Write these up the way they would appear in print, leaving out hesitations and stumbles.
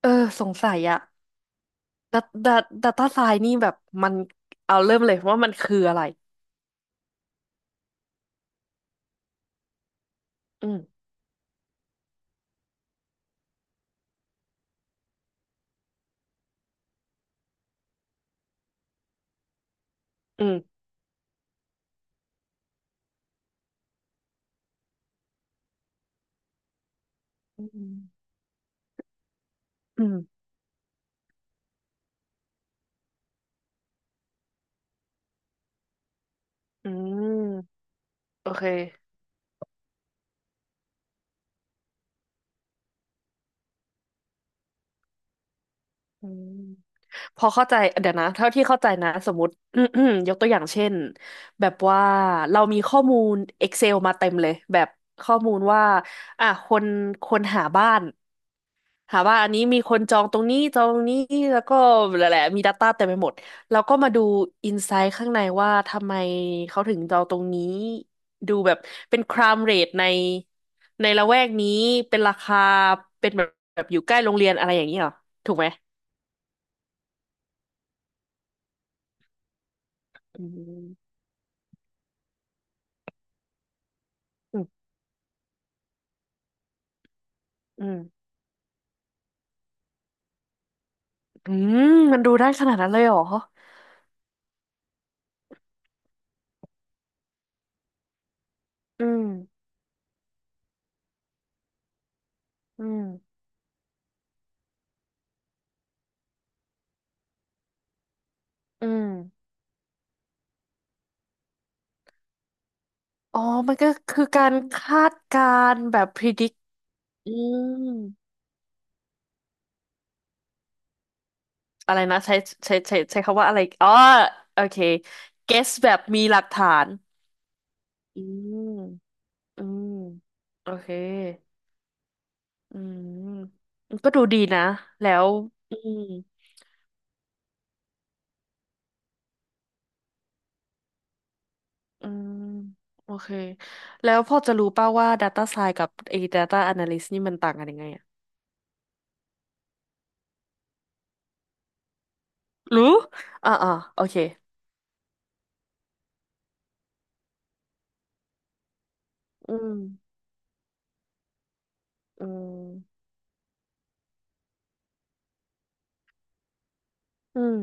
เออสงสัยอะดัตต้าไซน์นี่แบบมันเอาเริ่มเลยว่ามันคืออะไรอืมอืมอืมอืมอืมโอเคอืมพอเข้าใจเดี๋ยวนะเท่าที่เข้าใจนะสมมติ ยกตัวอย่างเช่นแบบว่าเรามีข้อมูล Excel มาเต็มเลยแบบข้อมูลว่าอ่ะคนคนหาบ้าน หาว่าอันนี้มีคนจองตรงนี้จองตรงนี้แล้วก็แหละๆมี Data เต็มไปหมดแล้วก็มาดูอินไซต์ข้างในว่าทำไมเขาถึงจองตรงนี้ดูแบบเป็นครามเรทในละแวกนี้เป็นราคาเป็นแบบแบบอยู่ใกล้โรงเรียนอะไรอย่างนี้เหรอถูกไหมอืมอืมอืมอืมันดูได้ขนาดนั้นเลยเหรออืมอืมอืมอ๋อมันก็คือการคาดการณ์แบบ predict อืม อะไรนะใช้คำว่าอะไรอ๋อโอเค guess แบบมีหลักฐานอืมอืมโอเคอืมมันก็ดูดีนะแล้วอืมอืมโอเคแล้วพอจะรู้ป่าวว่า Data Science กับไอ้ Data Analyst นี่มันต่างกันยังไงอะรู้อ่าอ่าโอเคอืมอืมอืม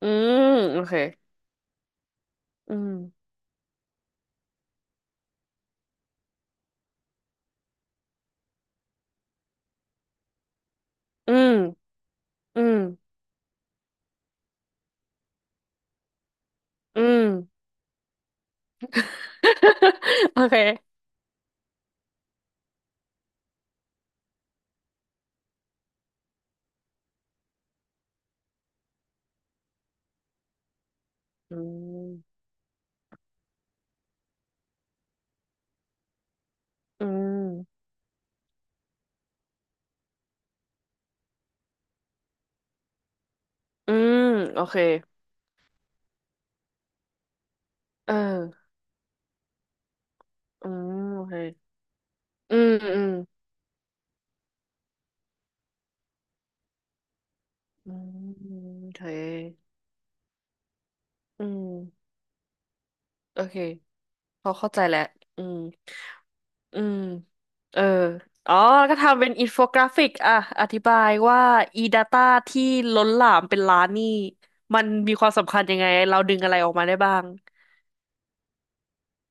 อืมโอเคอืมอืมอืมอืม โอเคอืม อืม อืม โอเค เออ อืมโอเคอืมอืม อืม โอเคอืมโอเคพอเข้าใจแล้ว อืม อืม เออ อ๋อแล้วก็ทำเป็นอินโฟกราฟิกอ่ะอธิบายว่า e-data ที่ล้นหลามเป็นล้านนี่มันมีความสำคัญยังไงเราดึงอะไรออกมาได้บ้าง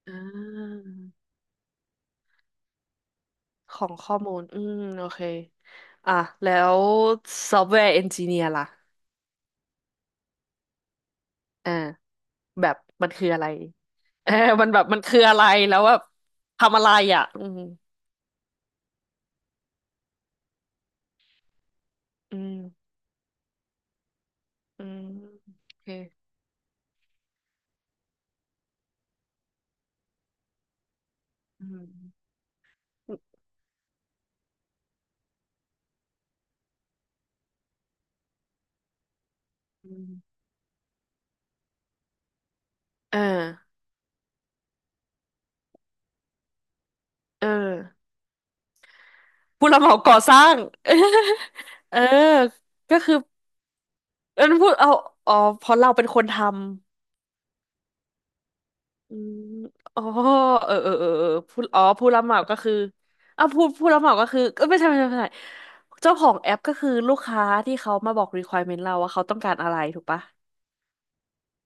อ่าของข้อมูลอืม โอเคอ่ะแล้วซอฟต์แวร์เอนจิเนียร์ล่ะอ่า แบบมันคืออะไรเออมันแบบมันคืออะไรแล้วแบบทำอะไรอ่ะอืมอืมโอเคอืมอืมเออเออผู้รับเหมาก่อสร้าง เออก็คือเออพูดเอาอ๋อเพราะเราเป็นคนทำอืมอ๋อเออผู้อ๋อผู้รับเหมาก็คืออ่ะผู้รับเหมาก็คือเออไม่ใช่เจ้าของแอปก็คือลูกค้าที่เขามาบอก requirement เราว่าเขาต้องการอะไรถูกปะ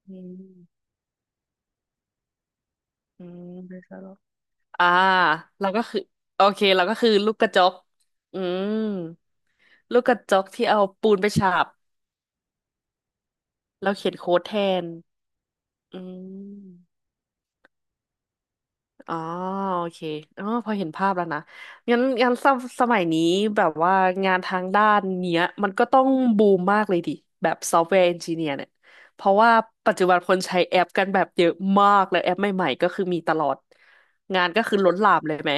อืม อืมไม่ใช่หรอกอ่าเราก็คือโอเคเราก็คือลูกกระจกอืมลูกกระจกที่เอาปูนไปฉาบแล้วเขียนโค้ดแทนอืมอ๋อโอเคอ๋อพอเห็นภาพแล้วนะงั้นสมัยนี้แบบว่างานทางด้านเนี้ยมันก็ต้องบูมมากเลยดิแบบซอฟต์แวร์เอนจิเนียร์เนี่ยเพราะว่าปัจจุบันคนใช้แอปกันแบบเยอะมากแล้วแอปใหม่ๆก็คือมีตลอดงานก็คือล้นหลามเลยไหม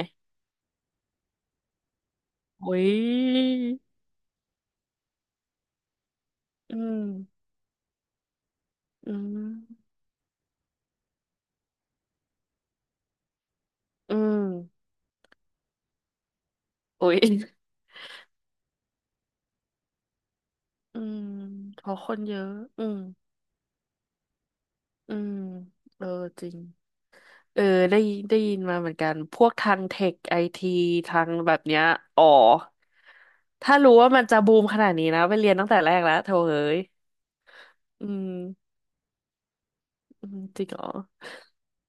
โอ้ยอืม อืมอืมโอ้ยอืมเพราะคนเยอะอืมอืมเออจริงเออได้ยินมาเหมือนกันพวกทางเทคไอทีทางแบบเนี้ยอ๋อถ้ารู้ว่ามันจะบูมขนาดนี้นะไปเรียนตั้งแต่แรกแล้วโถเอ้ยอืมอืมจริงเหรอ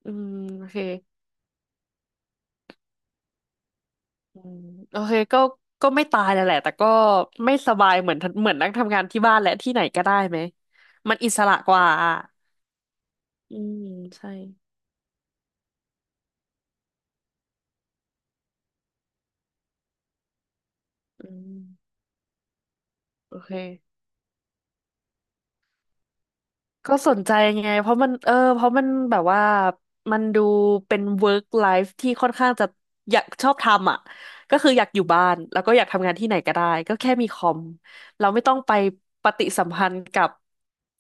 อืมโอเคอืมโอเคก็ไม่ตายแล้วแหละแต่ก็ไม่สบายเหมือนเหมือนนั่งทำงานที่บ้านและที่ไหนก็ได้ไหมมันอิสระกว่าอืมใช่ อืมโอเคก็สนใจไงเพราะมันเออเพราะมันแบบว่ามันดูเป็น work life ที่ค่อนข้างจะอยากชอบทำอ่ะก็คืออยากอยู่บ้านแล้วก็อยากทำงานที่ไหนก็ได้ก็แค่มีคอมเราไม่ต้องไปปฏิสัมพันธ์กับ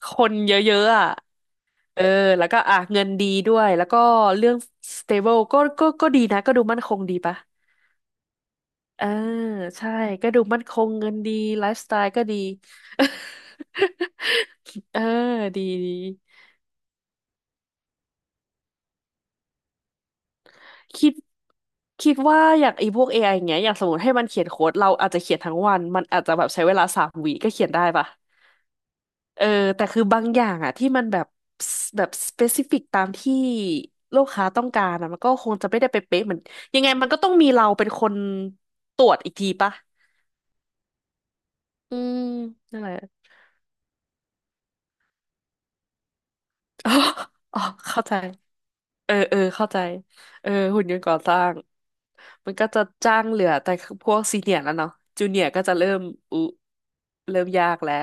คนเยอะๆอ่ะเออแล้วก็อ่ะเงินดีด้วยแล้วก็เรื่อง stable ก็ดีนะก็ดูมั่นคงดีปะเออใช่ก็ดูมั่นคงเงินดีไลฟ์สไตล์ก็ดี เออดีดี คิดคิดว่าอย่างไอ้พวก AI อไออย่างเงี้ยอย่างสมมติให้มันเขียนโค้ดเราอาจจะเขียนทั้งวันมันอาจจะแบบใช้เวลาสามวิก็เขียนได้ปะเออแต่คือบางอย่างอะที่มันแบบแบบสเปซิฟิกตามที่ลูกค้าต้องการอะมันก็คงจะไม่ได้ไปเป๊ะเหมือนยังไงมันก็ต้องมีเราเป็นคนตรวจอีกทีปะอืมนั่นแหละ อ๋ออ๋อเข้าใจ เออเออเข้าใจเออหุ่นยนต์ก่อสร้างมันก็จะจ้างเหลือแต่พวกซีเนียร์แล้วเนาะจูเนียร์ก็จะเริ่มอุเริ่มยากแล้ว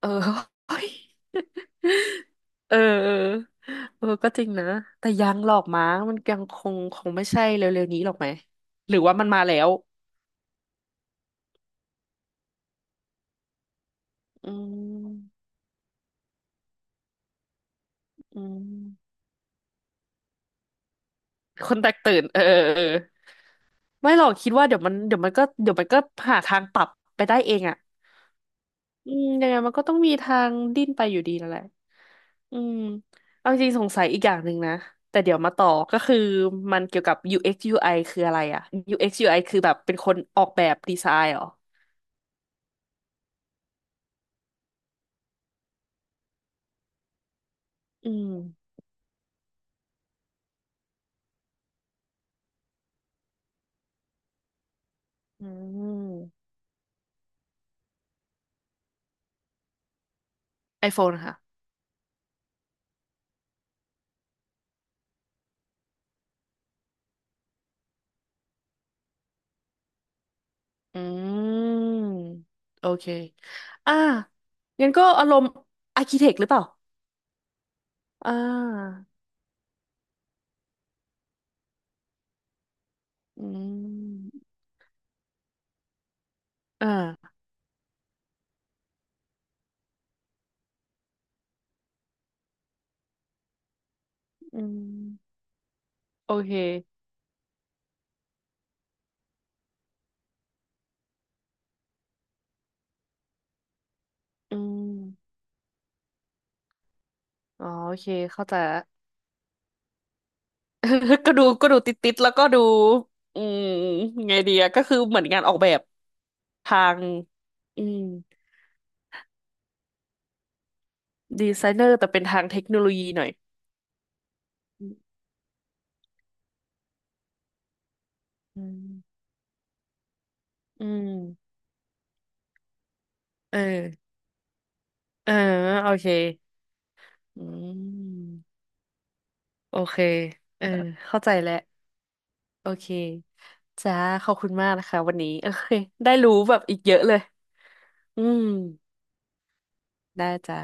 เออ เฮ้ยเออเออเออก็จริงนะ แต่ยังหลอกมั้งมันยังคงไม่ใช่เร็วๆนี้หรอกไหม หรือว่ามันมาแล้วอืมอืมคนแตกตื่นเออเออเออไม่หรอกคิดว่าเดี๋ยวมันก็หาทางปรับไปได้เองอ่ะ อืมยังไงมันก็ต้องมีทางดิ้นไปอยู่ดีนั่นแหละ อืมเอาจริงสงสัยอีกอย่างหนึ่งนะ แต่เดี๋ยวมาต่อก็คือมันเกี่ยวกับ UX UI คืออะไรอะ UX UI คือแบบเป็นคนออกแบบดีไซน์เหรออืมอืม iPhone ค่ะ อืม โอเคอ่างั้นก็อารมณ์อาร์คิเทคหรือเปล่าอ่าอืมอ่าอืม โอเค อืม อ๋อโอเค เข้าใจละ ก็ดูติดแล้วก็ดูอืมไงดีอะก็คือเหมือนงานออกแบบทางอืมดีไซเนอร์แต่เป็นทางเทคโนโลยีหน่อยอืมอืมอืมเออเออโอเคอืมโอเคเออเข้าใจแล้วโอเคจ้าขอบคุณมากนะคะวันนี้ โอเคได้รู้แบบอีกเยอะเลยอืมได้จ้า